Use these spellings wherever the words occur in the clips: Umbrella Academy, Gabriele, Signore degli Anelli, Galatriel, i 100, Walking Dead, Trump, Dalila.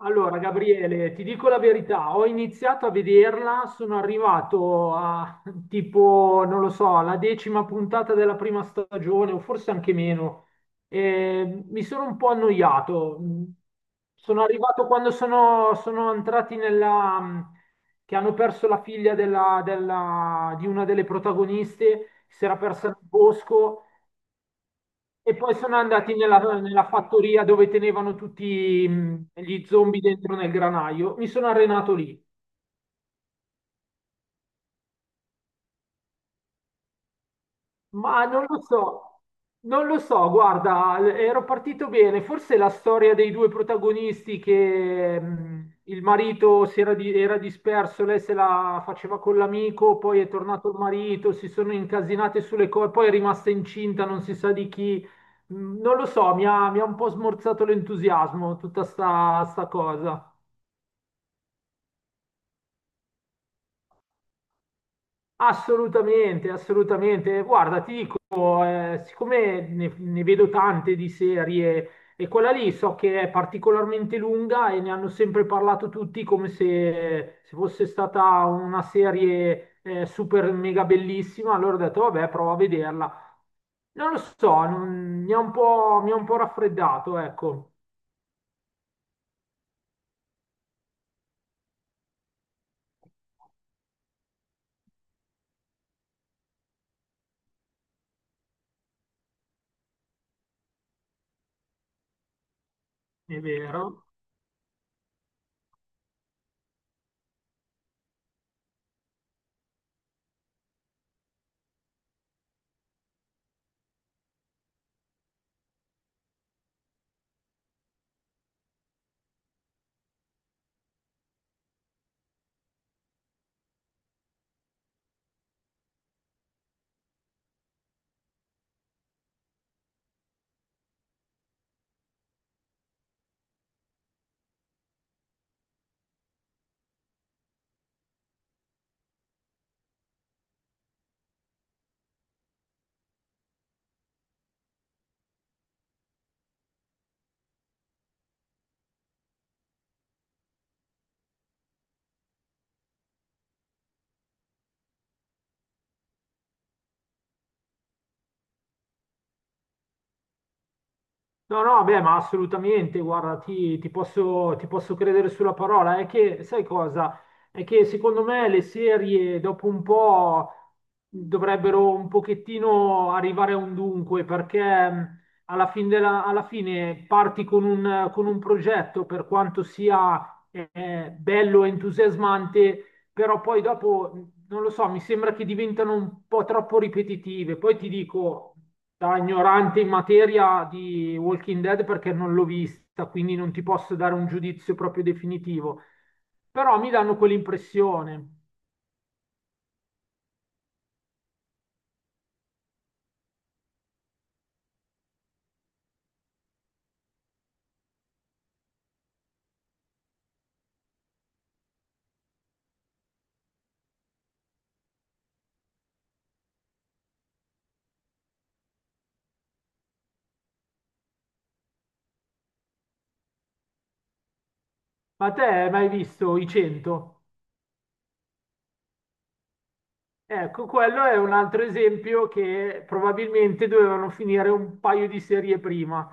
Allora, Gabriele, ti dico la verità, ho iniziato a vederla, sono arrivato a tipo, non lo so, alla decima puntata della prima stagione o forse anche meno. E mi sono un po' annoiato. Sono arrivato quando sono entrati nella... che hanno perso la figlia di una delle protagoniste, si era persa nel bosco e poi sono andati nella fattoria dove tenevano tutti gli zombie dentro nel granaio. Mi sono arenato lì. Ma non lo so, non lo so, guarda, ero partito bene. Forse la storia dei due protagonisti che il marito si era, era disperso, lei se la faceva con l'amico, poi è tornato il marito, si sono incasinate sulle cose, poi è rimasta incinta, non si sa di chi. Non lo so, mi ha un po' smorzato l'entusiasmo tutta sta cosa. Assolutamente, assolutamente. Guarda, ti dico, siccome ne vedo tante di serie e quella lì so che è particolarmente lunga e ne hanno sempre parlato tutti come se fosse stata una serie super mega bellissima, allora ho detto, vabbè, provo a vederla. Non lo so, mi ha un po', mi ha un po' raffreddato, ecco, è vero. No, no, beh, ma assolutamente, guarda, ti posso credere sulla parola. È che, sai cosa? È che secondo me le serie dopo un po' dovrebbero un pochettino arrivare a un dunque, perché alla alla fine parti con con un progetto, per quanto sia bello e entusiasmante, però poi dopo, non lo so, mi sembra che diventano un po' troppo ripetitive. Poi ti dico da ignorante in materia di Walking Dead perché non l'ho vista, quindi non ti posso dare un giudizio proprio definitivo, però mi danno quell'impressione. Ma te hai mai visto i 100? Ecco, quello è un altro esempio che probabilmente dovevano finire un paio di serie prima.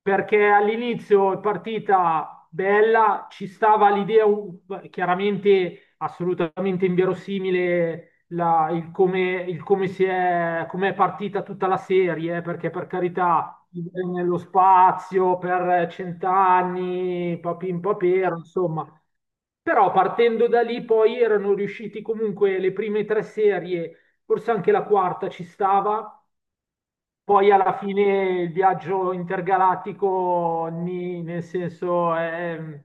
Perché all'inizio è partita bella, ci stava l'idea chiaramente assolutamente inverosimile il come, il come è partita tutta la serie, perché per carità nello spazio per cent'anni, papin papero, insomma. Però partendo da lì poi erano riusciti comunque le prime tre serie, forse anche la quarta ci stava poi alla fine il viaggio intergalattico, nel senso,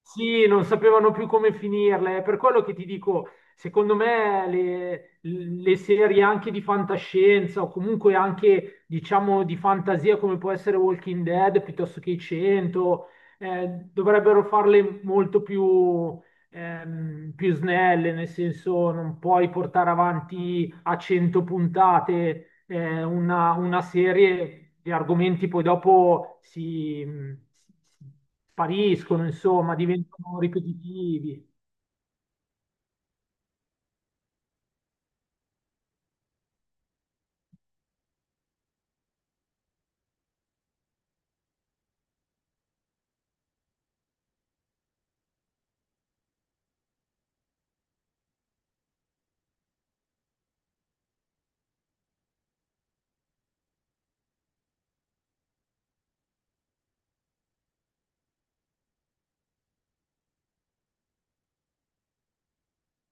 sì, non sapevano più come finirle. È per quello che ti dico, secondo me le serie anche di fantascienza o comunque anche, diciamo, di fantasia come può essere Walking Dead piuttosto che i 100, eh, dovrebbero farle molto più più snelle, nel senso non puoi portare avanti a 100 puntate una serie, gli argomenti poi dopo si, si spariscono, insomma, diventano ripetitivi.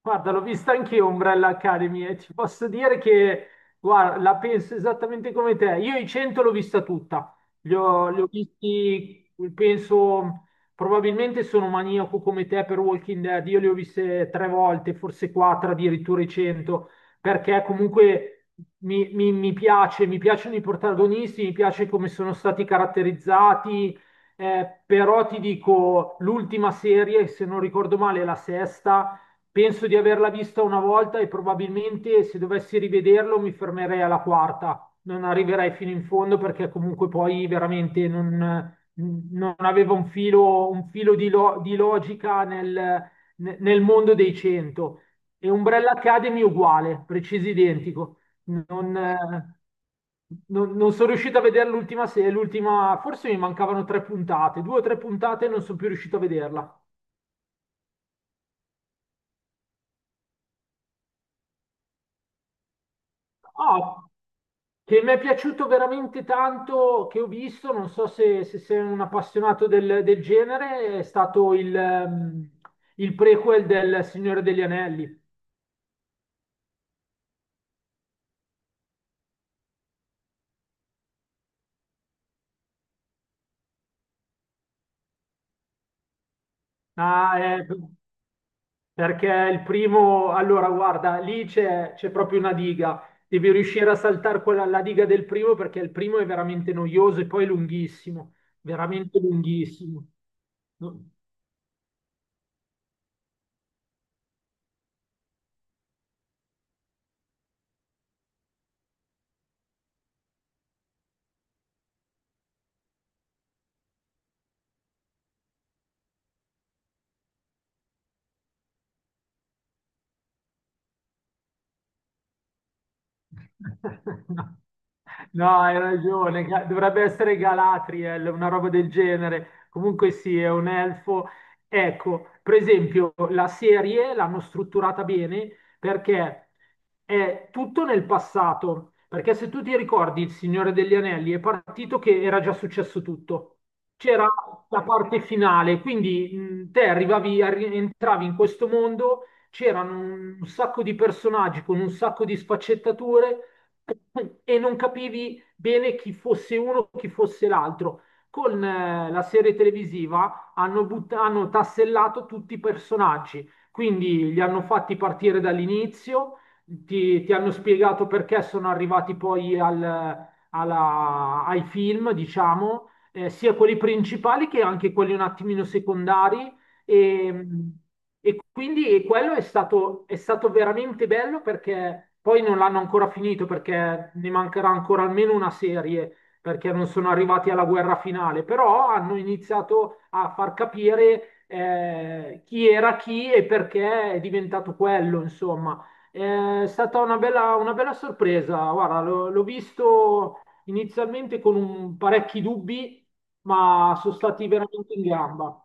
Guarda, l'ho vista anch'io Umbrella Academy e ti posso dire che, guarda, la penso esattamente come te. Io i 100 l'ho vista tutta, li ho visti, penso, probabilmente sono maniaco come te per Walking Dead, io li ho viste tre volte, forse quattro addirittura i 100, perché comunque mi piace, mi piacciono i protagonisti, mi piace come sono stati caratterizzati, però ti dico, l'ultima serie, se non ricordo male, è la sesta. Penso di averla vista una volta e probabilmente se dovessi rivederlo mi fermerei alla quarta, non arriverei fino in fondo perché comunque poi veramente non, non aveva un filo di, di logica nel mondo dei 100. E Umbrella Academy uguale, preciso identico. Non, eh, non sono riuscito a vedere l'ultima, l'ultima, forse mi mancavano tre puntate, due o tre puntate e non sono più riuscito a vederla. Oh, che mi è piaciuto veramente tanto, che ho visto, non so se, se sei un appassionato del genere, è stato il prequel del Signore degli Anelli. Ah, perché il primo, allora guarda, lì c'è proprio una diga, devi riuscire a saltare quella, la diga del primo perché il primo è veramente noioso e poi lunghissimo, veramente lunghissimo. No. No, hai ragione, dovrebbe essere Galatriel, una roba del genere. Comunque sì, è un elfo. Ecco, per esempio, la serie l'hanno strutturata bene perché è tutto nel passato. Perché se tu ti ricordi Il Signore degli Anelli è partito che era già successo tutto. C'era la parte finale, quindi te arrivavi, entravi in questo mondo c'erano un sacco di personaggi con un sacco di sfaccettature e non capivi bene chi fosse uno e chi fosse l'altro. Con la serie televisiva hanno, hanno tassellato tutti i personaggi, quindi li hanno fatti partire dall'inizio, ti hanno spiegato perché sono arrivati poi ai film, diciamo, sia quelli principali che anche quelli un attimino secondari. E, e quindi quello è stato veramente bello perché poi non l'hanno ancora finito perché ne mancherà ancora almeno una serie perché non sono arrivati alla guerra finale, però hanno iniziato a far capire chi era chi e perché è diventato quello, insomma. È stata una bella sorpresa, guarda, l'ho visto inizialmente con parecchi dubbi, ma sono stati veramente in gamba.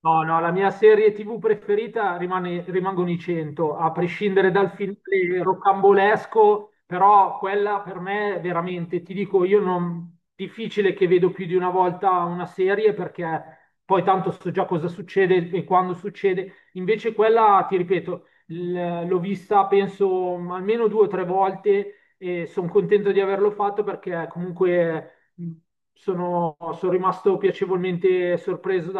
No, no, la mia serie TV preferita rimangono i 100, a prescindere dal finale rocambolesco, però quella per me veramente, ti dico, io non... difficile che vedo più di una volta una serie perché poi tanto so già cosa succede e quando succede. Invece quella, ti ripeto, l'ho vista penso almeno due o tre volte e sono contento di averlo fatto perché comunque sono rimasto piacevolmente sorpreso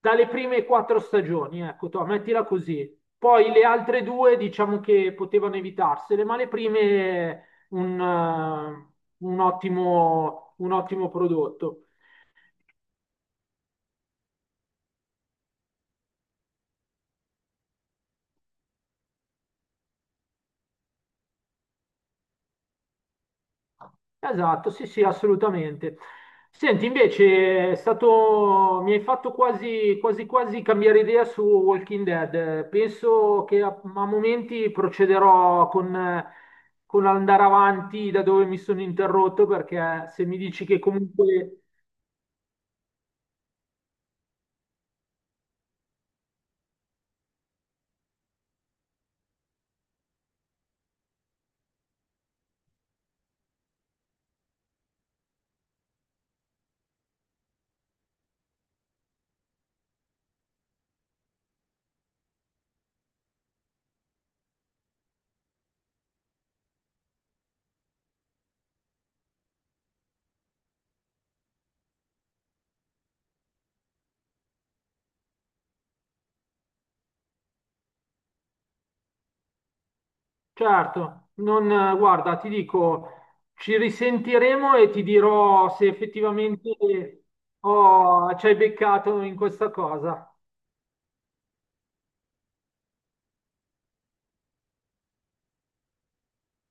dalle prime quattro stagioni, ecco, to, mettila così. Poi le altre due diciamo che potevano evitarsele, ma le prime un ottimo prodotto. Esatto, sì, sì, assolutamente. Senti, invece è stato, mi hai fatto quasi, quasi, quasi cambiare idea su Walking Dead. Penso che a, a momenti procederò con andare avanti da dove mi sono interrotto, perché se mi dici che comunque certo, non, guarda, ti dico, ci risentiremo e ti dirò se effettivamente ci hai beccato in questa cosa.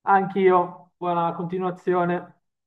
Anch'io, buona continuazione.